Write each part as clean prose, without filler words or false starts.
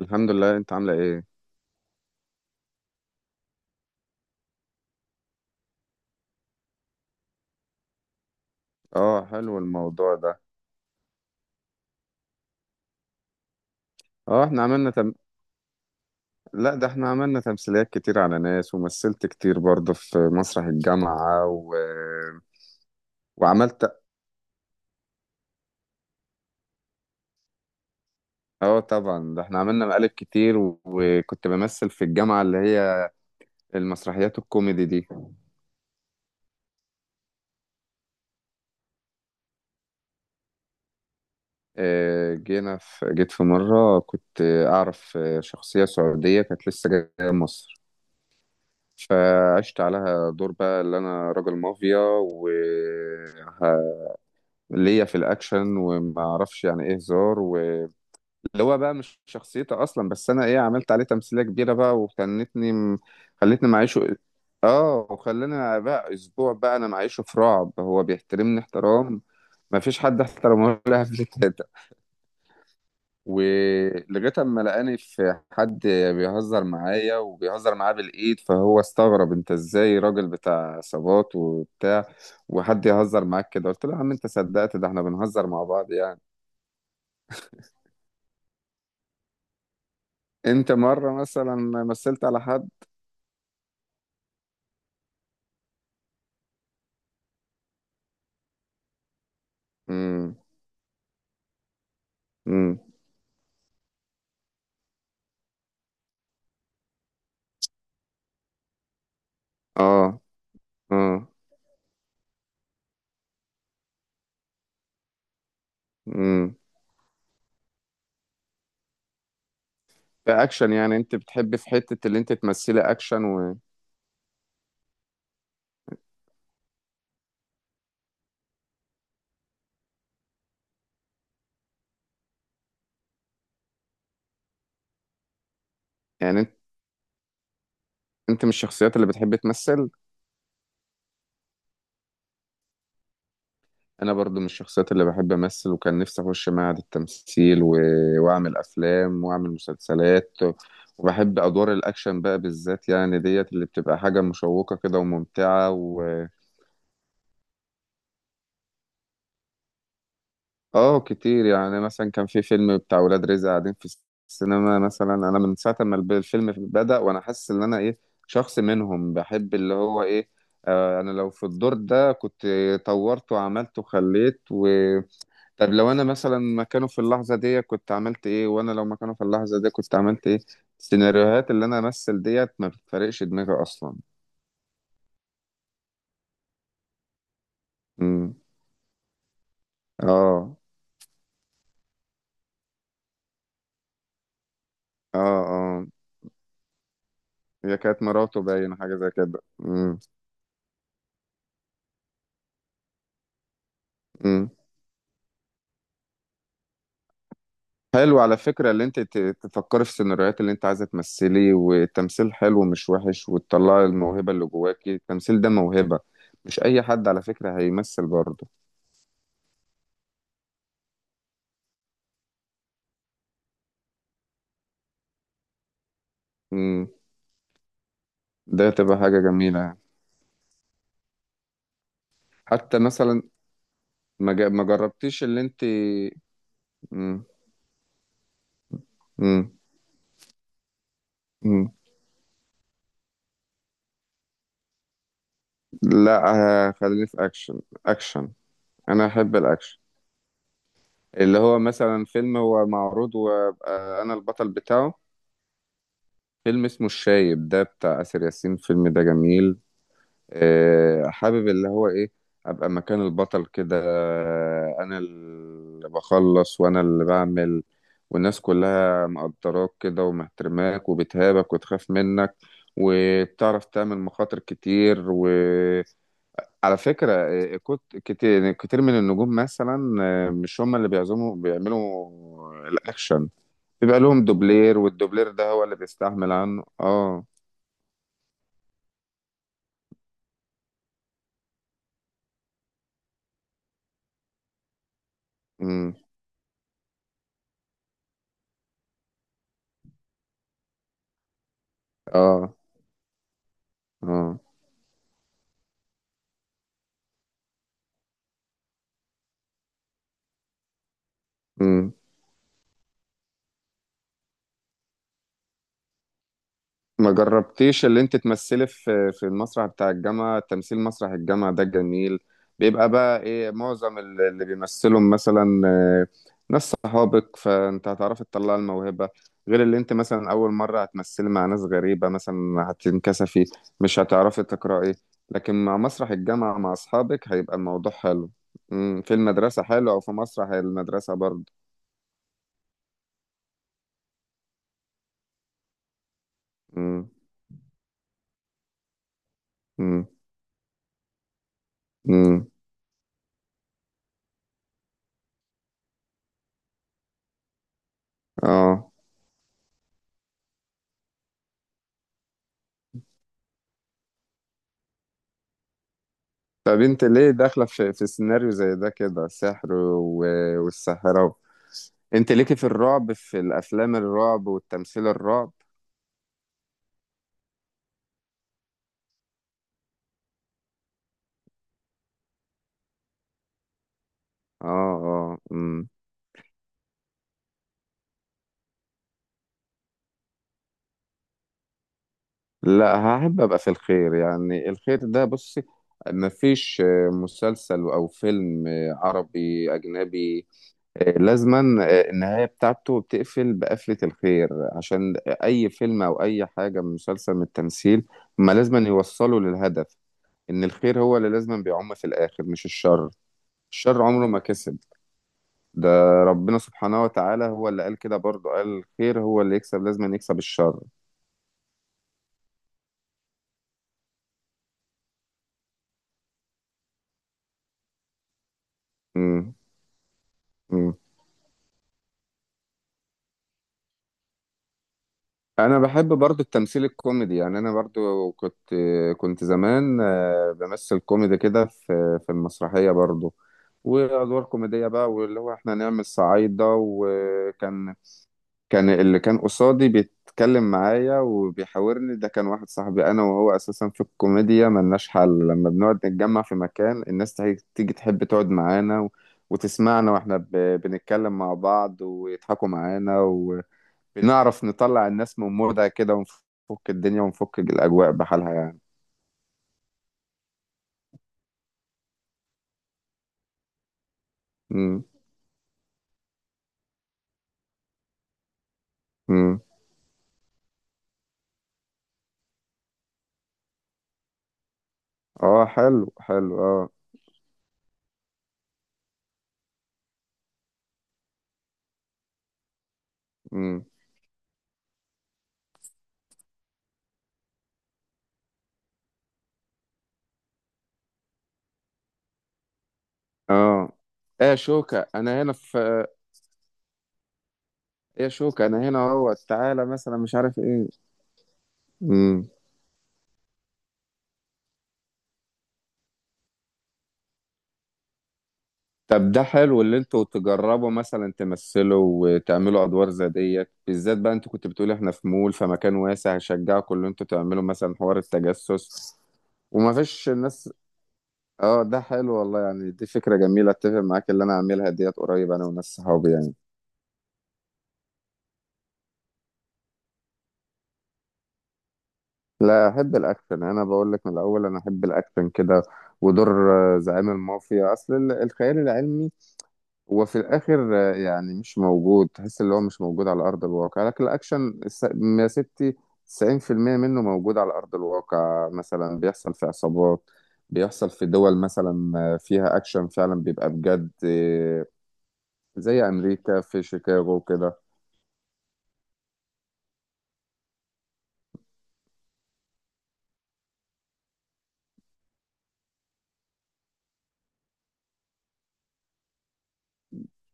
الحمد لله. انت عامله ايه؟ اه، حلو الموضوع ده. اه. لا، ده احنا عملنا تمثيليات كتير على ناس، ومثلت كتير برضه في مسرح الجامعة. وعملت. اه طبعا، ده احنا عملنا مقالب كتير. وكنت بمثل في الجامعة اللي هي المسرحيات الكوميدي دي. اه جينا في جيت في مرة كنت اعرف شخصية سعودية كانت لسه جاية مصر، فعشت عليها دور بقى اللي انا راجل مافيا و ليا في الاكشن، وما اعرفش يعني ايه هزار، واللي هو بقى مش شخصيتي اصلا، بس انا ايه عملت عليه تمثيليه كبيره بقى، وخلتني. خلتني معيشه. اه، وخلاني بقى اسبوع بقى انا معيشه في رعب، هو بيحترمني احترام ما فيش حد احترمه لها قبل كده، ولغايه اما لقاني في حد بيهزر معايا وبيهزر معاه بالايد، فهو استغرب انت ازاي راجل بتاع عصابات وبتاع، وحد يهزر معاك كده؟ قلت له يا عم انت صدقت، ده احنا بنهزر مع بعض يعني. انت مرة مثلا مثلت على حد؟ امم. امم. اه. اه. امم. ده اكشن يعني، انت بتحب في حتة اللي انت تمثلي اكشن. يعني انت من الشخصيات اللي بتحب تمثل؟ انا برضو من الشخصيات اللي بحب امثل، وكان نفسي اخش معهد التمثيل. واعمل افلام واعمل مسلسلات، وبحب ادوار الاكشن بقى بالذات يعني، ديت اللي بتبقى حاجة مشوقة كده وممتعة. اه كتير، يعني مثلا كان في فيلم بتاع ولاد رزق قاعدين في السينما، مثلا انا من ساعه ما الفيلم بدأ وانا حاسس ان انا ايه، شخص منهم بحب اللي هو ايه. آه، انا لو في الدور ده كنت طورت وعملت وخليت. طب لو انا مثلا مكانه في اللحظه دي كنت عملت ايه، وانا لو مكانه في اللحظه دي كنت عملت ايه؟ السيناريوهات اللي انا امثل ديت ما بتفرقش دماغي اصلا. امم. اه. اه. اه. هي كانت مراته، باينه حاجه زي كده. امم. حلو على فكرة، اللي انت تفكري في السيناريوهات اللي انت عايزة تمثلي، والتمثيل حلو مش وحش، وتطلعي الموهبة اللي جواكي، التمثيل ده موهبة، مش اي حد على فكرة هيمثل برضه. امم. ده تبقى حاجة جميلة يعني. حتى مثلا، ما جربتيش اللي انت... امم. امم. امم. لا. خليني في اكشن. اكشن. انا احب الاكشن، اللي هو مثلا فيلم هو معروض وابقى انا البطل بتاعه. فيلم اسمه الشايب ده بتاع آسر ياسين، الفيلم ده جميل. حابب اللي هو ايه، ابقى مكان البطل كده، انا اللي بخلص وانا اللي بعمل، والناس كلها مقدراك كده ومحترماك وبتهابك وتخاف منك، وبتعرف تعمل مخاطر كتير. وعلى فكرة كتير كتير من النجوم مثلا، مش هم اللي بيعزموا بيعملوا الأكشن، بيبقى لهم دوبلير، والدوبلير ده هو اللي بيستحمل عنه. اه. امم. اه. اه. امم. ما جربتيش اللي انت تمثلي في المسرح بتاع الجامعة؟ تمثيل مسرح الجامعة ده جميل، بيبقى بقى ايه معظم اللي بيمثلهم مثلا ناس صحابك، فانت هتعرفي تطلعي الموهبة، غير اللي انت مثلا اول مرة هتمثلي مع ناس غريبة مثلا هتنكسفي، مش هتعرفي تقرأي. لكن مع مسرح الجامعة مع اصحابك هيبقى الموضوع حلو. مم، في المدرسة حلو، او في مسرح المدرسة برضه. مم. مم. مم. اه. طب انت ليه داخله في سيناريو زي ده كده، سحر والسحرة انت ليكي في الرعب، في الافلام الرعب والتمثيل الرعب. اه. اه. امم. لا، هحب ابقى في الخير، يعني الخير ده بصي، مفيش مسلسل او فيلم عربي اجنبي، لازما النهايه بتاعته بتقفل بقفله الخير، عشان اي فيلم او اي حاجه من مسلسل من التمثيل ما لازما يوصلوا للهدف، إن الخير هو اللي لازم بيعم في الآخر مش الشر. الشر عمره ما كسب. ده ربنا سبحانه وتعالى هو اللي قال كده برضه، قال الخير هو اللي يكسب، لازم يكسب الشر. مم. مم. أنا بحب برضه التمثيل الكوميدي، يعني أنا برضه كنت زمان بمثل كوميدي كده في المسرحية برضه، وأدوار كوميدية بقى، واللي هو إحنا نعمل صعايدة. وكان اللي كان قصادي بيتكلم معايا وبيحاورني ده كان واحد صاحبي انا وهو، اساسا في الكوميديا ملناش حل، لما بنقعد نتجمع في مكان الناس تيجي تحب تقعد معانا. وتسمعنا واحنا بنتكلم مع بعض ويضحكوا معانا، وبنعرف نطلع الناس من مودها كده، ونفك الدنيا ونفك الاجواء بحالها يعني. امم. امم. اه. حلو حلو. اه. امم. اه. ايه يا شوكة انا هنا في ايه، يا شوكة انا هنا اهوت، تعالى مثلا مش عارف ايه. مم. طب ده حلو اللي انتوا تجربوا مثلا تمثلوا وتعملوا ادوار زي ديت بالذات بقى، انتوا كنت بتقولي احنا في مول، فمكان واسع هشجعكم ان انتوا تعملوا مثلا حوار التجسس، وما فيش الناس. اه ده حلو والله، يعني دي فكرة جميلة، اتفق معاك، اللي انا اعملها ديت قريب انا وناس صحابي يعني. لا، احب الاكشن، انا بقول لك من الاول انا احب الاكشن كده، ودور زعيم المافيا، اصل الخيال العلمي هو في الاخر يعني مش موجود، تحس اللي هو مش موجود على ارض الواقع، لكن الاكشن يا ستي 90% منه موجود على ارض الواقع، مثلا بيحصل في عصابات، بيحصل في دول مثلا فيها اكشن فعلا، بيبقى بجد. زي امريكا، في شيكاغو كده.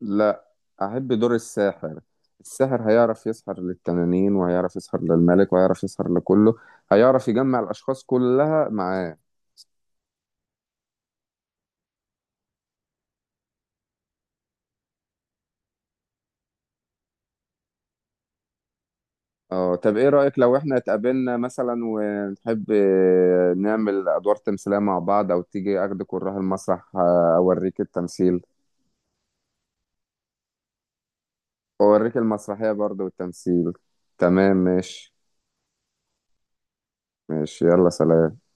لا، احب دور الساحر، الساحر هيعرف يسحر للتنانين وهيعرف يسحر للملك وهيعرف يسحر لكله، هيعرف يجمع الاشخاص كلها معاه. اه. طب ايه رأيك لو احنا اتقابلنا مثلا ونحب نعمل ادوار تمثيلية مع بعض، او تيجي اخدك ونروح المسرح اوريك التمثيل، اوريك المسرحية برضو والتمثيل. تمام، ماشي. ماشي. يلا سلام.